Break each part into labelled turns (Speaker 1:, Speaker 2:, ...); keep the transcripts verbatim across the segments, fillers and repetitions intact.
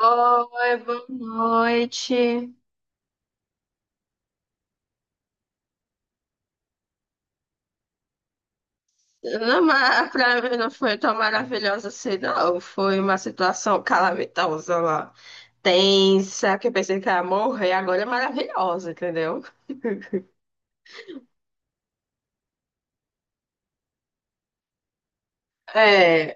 Speaker 1: Oi, boa noite. Não, mas pra mim não foi tão maravilhosa assim, não. Foi uma situação calamitosa lá. Tensa, que eu pensei que ia morrer, agora é maravilhosa, entendeu? É.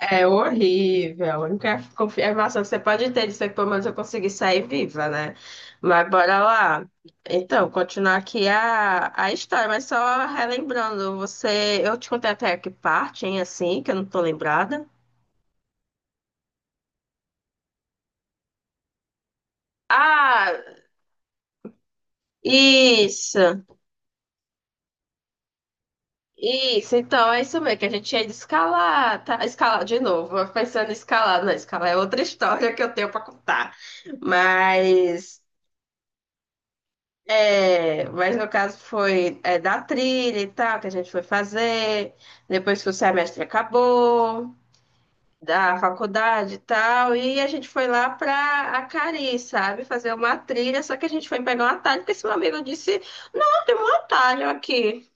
Speaker 1: É horrível. A única confirmação que você pode ter disso é que pelo menos eu consegui sair viva, né? Mas bora lá. Então, continuar aqui a, a história, mas só relembrando, você. Eu te contei até que parte, hein, assim, que eu não tô lembrada. Ah, isso. Isso, então é isso mesmo, que a gente ia de escalar, tá? Escalar de novo, eu pensando em escalar, não, escalar é outra história que eu tenho para contar. Mas. É, mas no caso foi é, da trilha e tal, que a gente foi fazer, depois que o semestre acabou, da faculdade e tal, e a gente foi lá pra Acari, sabe, fazer uma trilha, só que a gente foi pegar um atalho, porque esse meu amigo disse, não, tem um atalho aqui.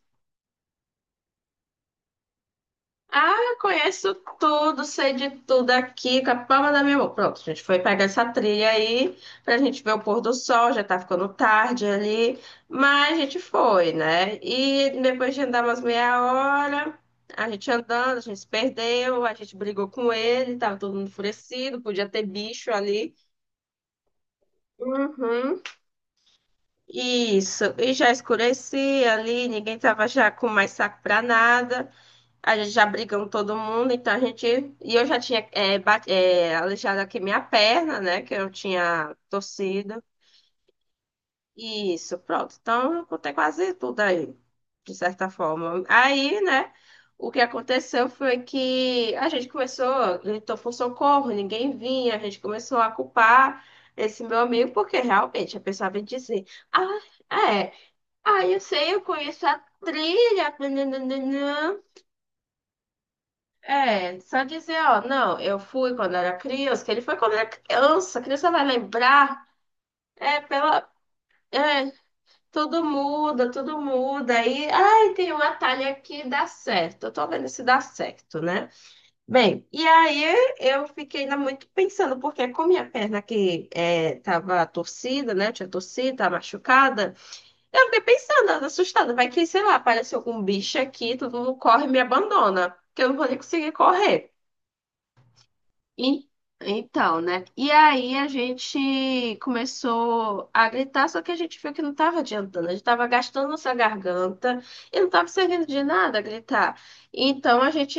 Speaker 1: Ah, eu conheço tudo, sei de tudo aqui, com a palma da minha mão. Pronto, a gente foi pegar essa trilha aí pra gente ver o pôr do sol, já tá ficando tarde ali, mas a gente foi, né? E depois de andar umas meia hora, a gente andando, a gente se perdeu, a gente brigou com ele, tava todo mundo enfurecido, podia ter bicho ali. Uhum, isso, e já escurecia ali, ninguém tava já com mais saco pra nada. A gente já brigamos todo mundo, então a gente. E eu já tinha é, bate- é, aleijado aqui minha perna, né? Que eu tinha torcido. Isso, pronto. Então eu contei quase tudo aí, de certa forma. Aí, né? O que aconteceu foi que a gente começou, gritou por socorro, ninguém vinha, a gente começou a culpar esse meu amigo, porque realmente a pessoa vem dizer: Ah, é, ah, eu sei, eu conheço a trilha. É, só dizer, ó, não, eu fui quando era criança, que ele foi quando era criança, a criança vai lembrar, é, pela, é, tudo muda, tudo muda, aí, ai, tem um atalho aqui, dá certo, eu tô vendo se dá certo, né? Bem, e aí eu fiquei ainda muito pensando, porque com minha perna que é, tava torcida, né, tinha torcida, tava machucada, eu fiquei pensando, assustada, vai que, sei lá, aparece algum bicho aqui, todo mundo corre e me abandona, que eu não vou nem conseguir correr. E- Então, né? E aí a gente começou a gritar, só que a gente viu que não estava adiantando, a gente estava gastando nossa garganta e não estava servindo de nada gritar. Então a gente,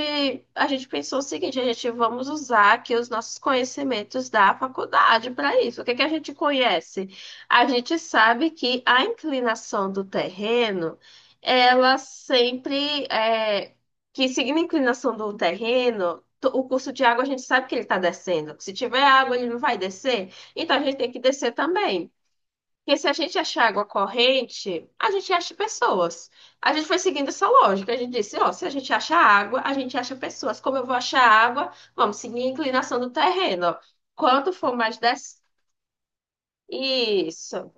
Speaker 1: a gente pensou o seguinte, a gente vamos usar aqui os nossos conhecimentos da faculdade para isso. O que que a gente conhece? A gente sabe que a inclinação do terreno, ela sempre é, que seguindo a inclinação do terreno to- o curso de água a gente sabe que ele está descendo. Se tiver água, ele não vai descer. Então a gente tem que descer também. Porque se a gente achar água corrente, a gente acha pessoas. A gente foi seguindo essa lógica. A gente disse, ó, se a gente acha água, a gente acha pessoas. Como eu vou achar água? Vamos seguir a inclinação do terreno. Ó. Quanto for mais des... Isso.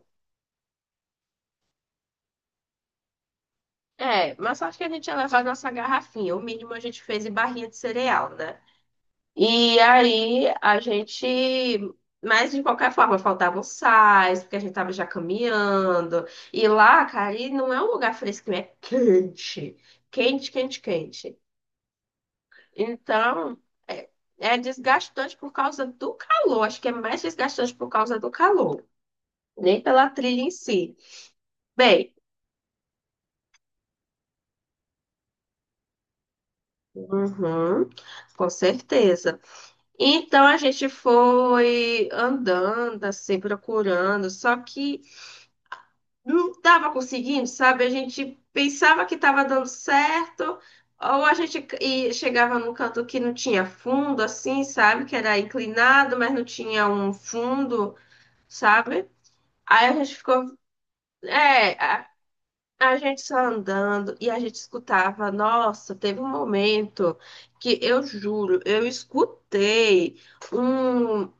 Speaker 1: É, mas acho que a gente ia levar nossa garrafinha. O mínimo a gente fez em barrinha de cereal, né? E aí a gente. Mas de qualquer forma, faltavam sais, porque a gente tava já caminhando. E lá, cara, e não é um lugar fresquinho, é quente. Quente, quente, quente. Então, é, é desgastante por causa do calor. Acho que é mais desgastante por causa do calor. Nem pela trilha em si. Bem, uhum, com certeza. Então a gente foi andando, assim, procurando. Só que. Não estava conseguindo, sabe? A gente pensava que estava dando certo, ou a gente e chegava num canto que não tinha fundo, assim, sabe? Que era inclinado, mas não tinha um fundo, sabe? Aí a gente ficou, é, a, a gente só andando e a gente escutava. Nossa, teve um momento que eu juro, eu escutei um,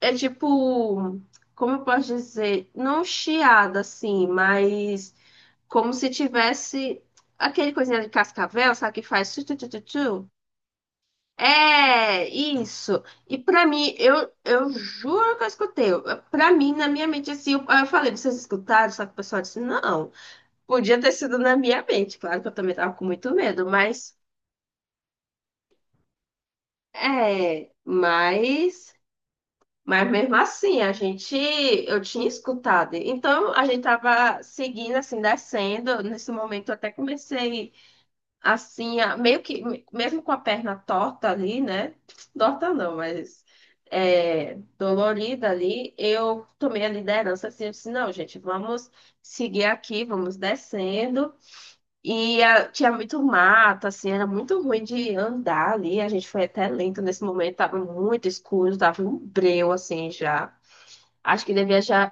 Speaker 1: é tipo, como eu posso dizer, não chiado assim, mas como se tivesse aquele coisinha de cascavel, sabe, que faz tu, tu, tu, tu, tu. É, isso. E pra mim, eu, eu juro que eu escutei. Eu- Pra mim, na minha mente, assim, eu, eu falei, vocês escutaram? Só que o pessoal disse, não. Podia ter sido na minha mente, claro que eu também tava com muito medo, mas, é, mas, mas mesmo assim, a gente, eu tinha escutado. Então, a gente tava seguindo, assim, descendo. Nesse momento, eu até comecei assim, a- meio que, mesmo com a perna torta ali, né? Torta não, mas é, dolorida ali, eu tomei a liderança assim, eu disse, não, gente, vamos seguir aqui, vamos descendo. E ah, tinha muito mato, assim, era muito ruim de andar ali, a gente foi até lento nesse momento, tava muito escuro, tava um breu, assim, já. Acho que devia já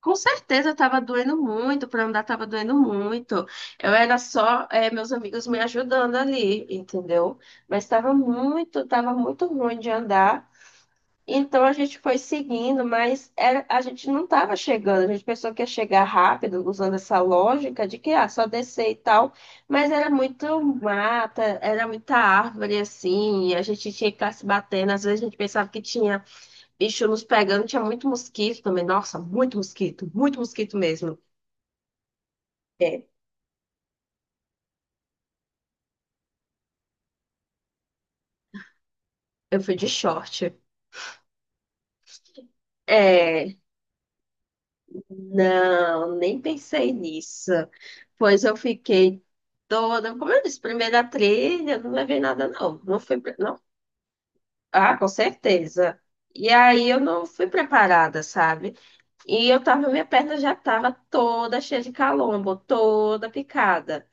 Speaker 1: Com certeza eu tava doendo muito, pra andar tava doendo muito. Eu era só eh, meus amigos me ajudando ali, entendeu? Mas tava muito, tava muito ruim de andar. Então a gente foi seguindo, mas era- a gente não tava chegando. A gente pensou que ia chegar rápido, usando essa lógica de que ah, só descer e tal. Mas era muito mata, era muita árvore assim, e a gente tinha que estar se batendo. Às vezes a gente pensava que tinha bicho nos pegando, tinha muito mosquito também. Nossa, muito mosquito, muito mosquito mesmo. É, eu fui de short. É, não, nem pensei nisso. Pois eu fiquei toda. Como eu disse, primeira trilha, não levei nada, não. Não fui. Pre- Não. Ah, com certeza. E aí eu não fui preparada, sabe? E eu tava, minha perna já tava toda cheia de calombo, toda picada.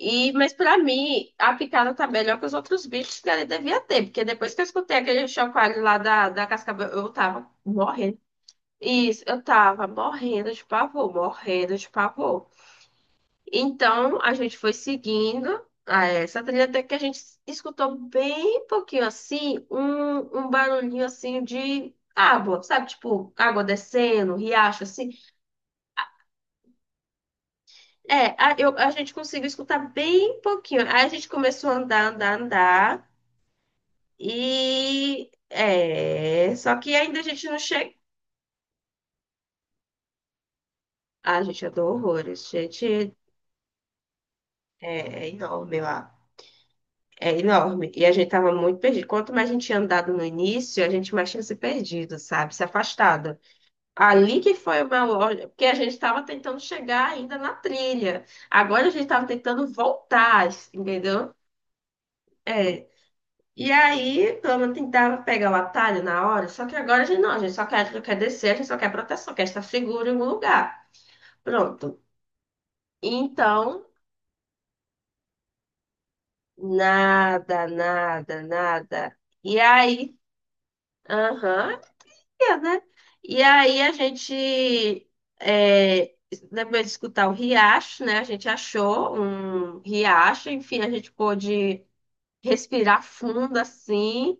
Speaker 1: E, mas para mim, a picada tá melhor que os outros bichos que ele devia ter, porque depois que eu escutei aquele chacoalho lá da, da cascavel, eu tava morrendo. Isso, eu tava morrendo de pavor, morrendo de pavor. Então, a gente foi seguindo a essa trilha até que a gente escutou bem pouquinho assim, um, um barulhinho assim de água, sabe? Tipo, água descendo, riacho assim. É, a, eu, a gente conseguiu escutar bem pouquinho. Aí a gente começou a andar, andar, andar. E é, só que ainda a gente não chega. Ah, gente, eu dou horrores. Gente, é, é enorme lá. É enorme. E a gente tava muito perdido. Quanto mais a gente tinha andado no início, a gente mais tinha se perdido, sabe? Se afastado. Ali que foi uma loja, porque a gente estava tentando chegar ainda na trilha. Agora a gente estava tentando voltar, entendeu? É. E aí, pelo menos tentava pegar o atalho na hora, só que agora a gente não, a gente só quer, quer descer, a gente só quer proteção, quer estar seguro em algum lugar. Pronto. Então, nada, nada, nada. E aí, aham, é, né? E aí a gente, é, depois de escutar o riacho, né? A gente achou um riacho, enfim, a gente pôde respirar fundo assim.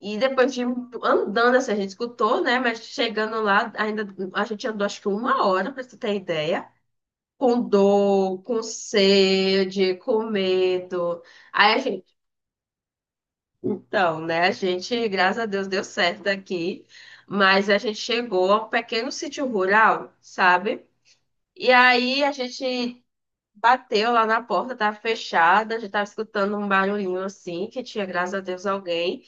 Speaker 1: E depois de andando, assim, a gente escutou, né? Mas chegando lá, ainda a gente andou acho que uma hora, para você ter ideia. Com dor, com sede, com medo. Aí a gente, então, né, a gente, graças a Deus, deu certo aqui, mas a gente chegou a um pequeno sítio rural, sabe? E aí a gente bateu lá na porta, tava fechada, a gente tava escutando um barulhinho assim, que tinha, graças a Deus, alguém,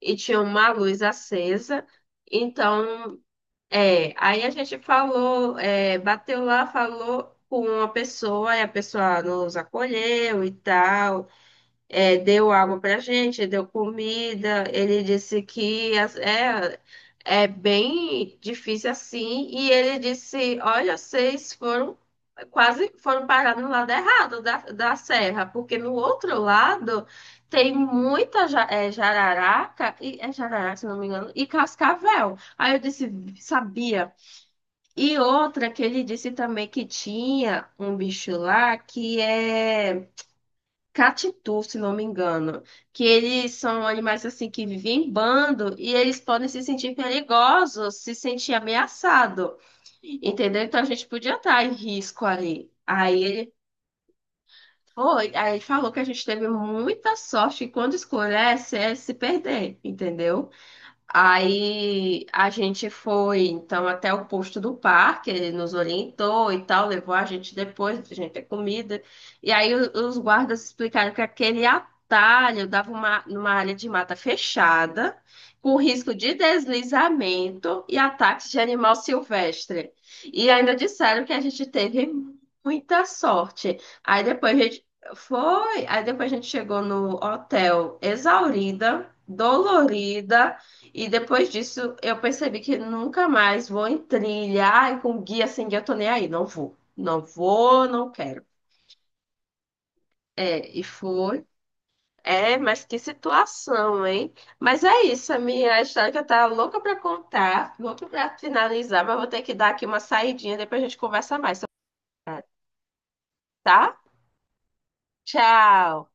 Speaker 1: e tinha uma luz acesa. Então, é, aí a gente falou, é, bateu lá, falou com uma pessoa, e a pessoa nos acolheu e tal é, deu água pra gente, deu comida. Ele disse que as- é, é bem difícil assim. E ele disse: Olha, vocês foram quase foram parar no lado errado da, da serra, porque no outro lado tem muita ja- é, jararaca, e, é jararaca, se não me engano, e cascavel. Aí eu disse: Sabia. E outra que ele disse também que tinha um bicho lá que é. Catitu, se não me engano, que eles são animais assim que vivem em bando e eles podem se sentir perigosos, se sentir ameaçado, entendeu? Então a gente podia estar em risco ali. Aí ele foi, aí ele falou que a gente teve muita sorte que quando escurece é se perder, entendeu? Aí a gente foi então até o posto do parque, ele nos orientou e tal, levou a gente depois, a gente ter comida. E aí o- os guardas explicaram que aquele atalho dava uma, numa área de mata fechada, com risco de deslizamento e ataques de animal silvestre. E ainda disseram que a gente teve muita sorte. Aí depois a gente foi, aí depois a gente chegou no hotel exaurida, dolorida. E depois disso, eu percebi que nunca mais vou em trilha. Ai, com guia sem guia, eu tô nem aí. Não vou. Não vou, não quero. É, e foi. É, mas que situação, hein? Mas é isso, a minha história que eu tava louca pra contar, louca pra finalizar, mas vou ter que dar aqui uma saidinha, depois a gente conversa mais, sobre- isso, tá? Tchau!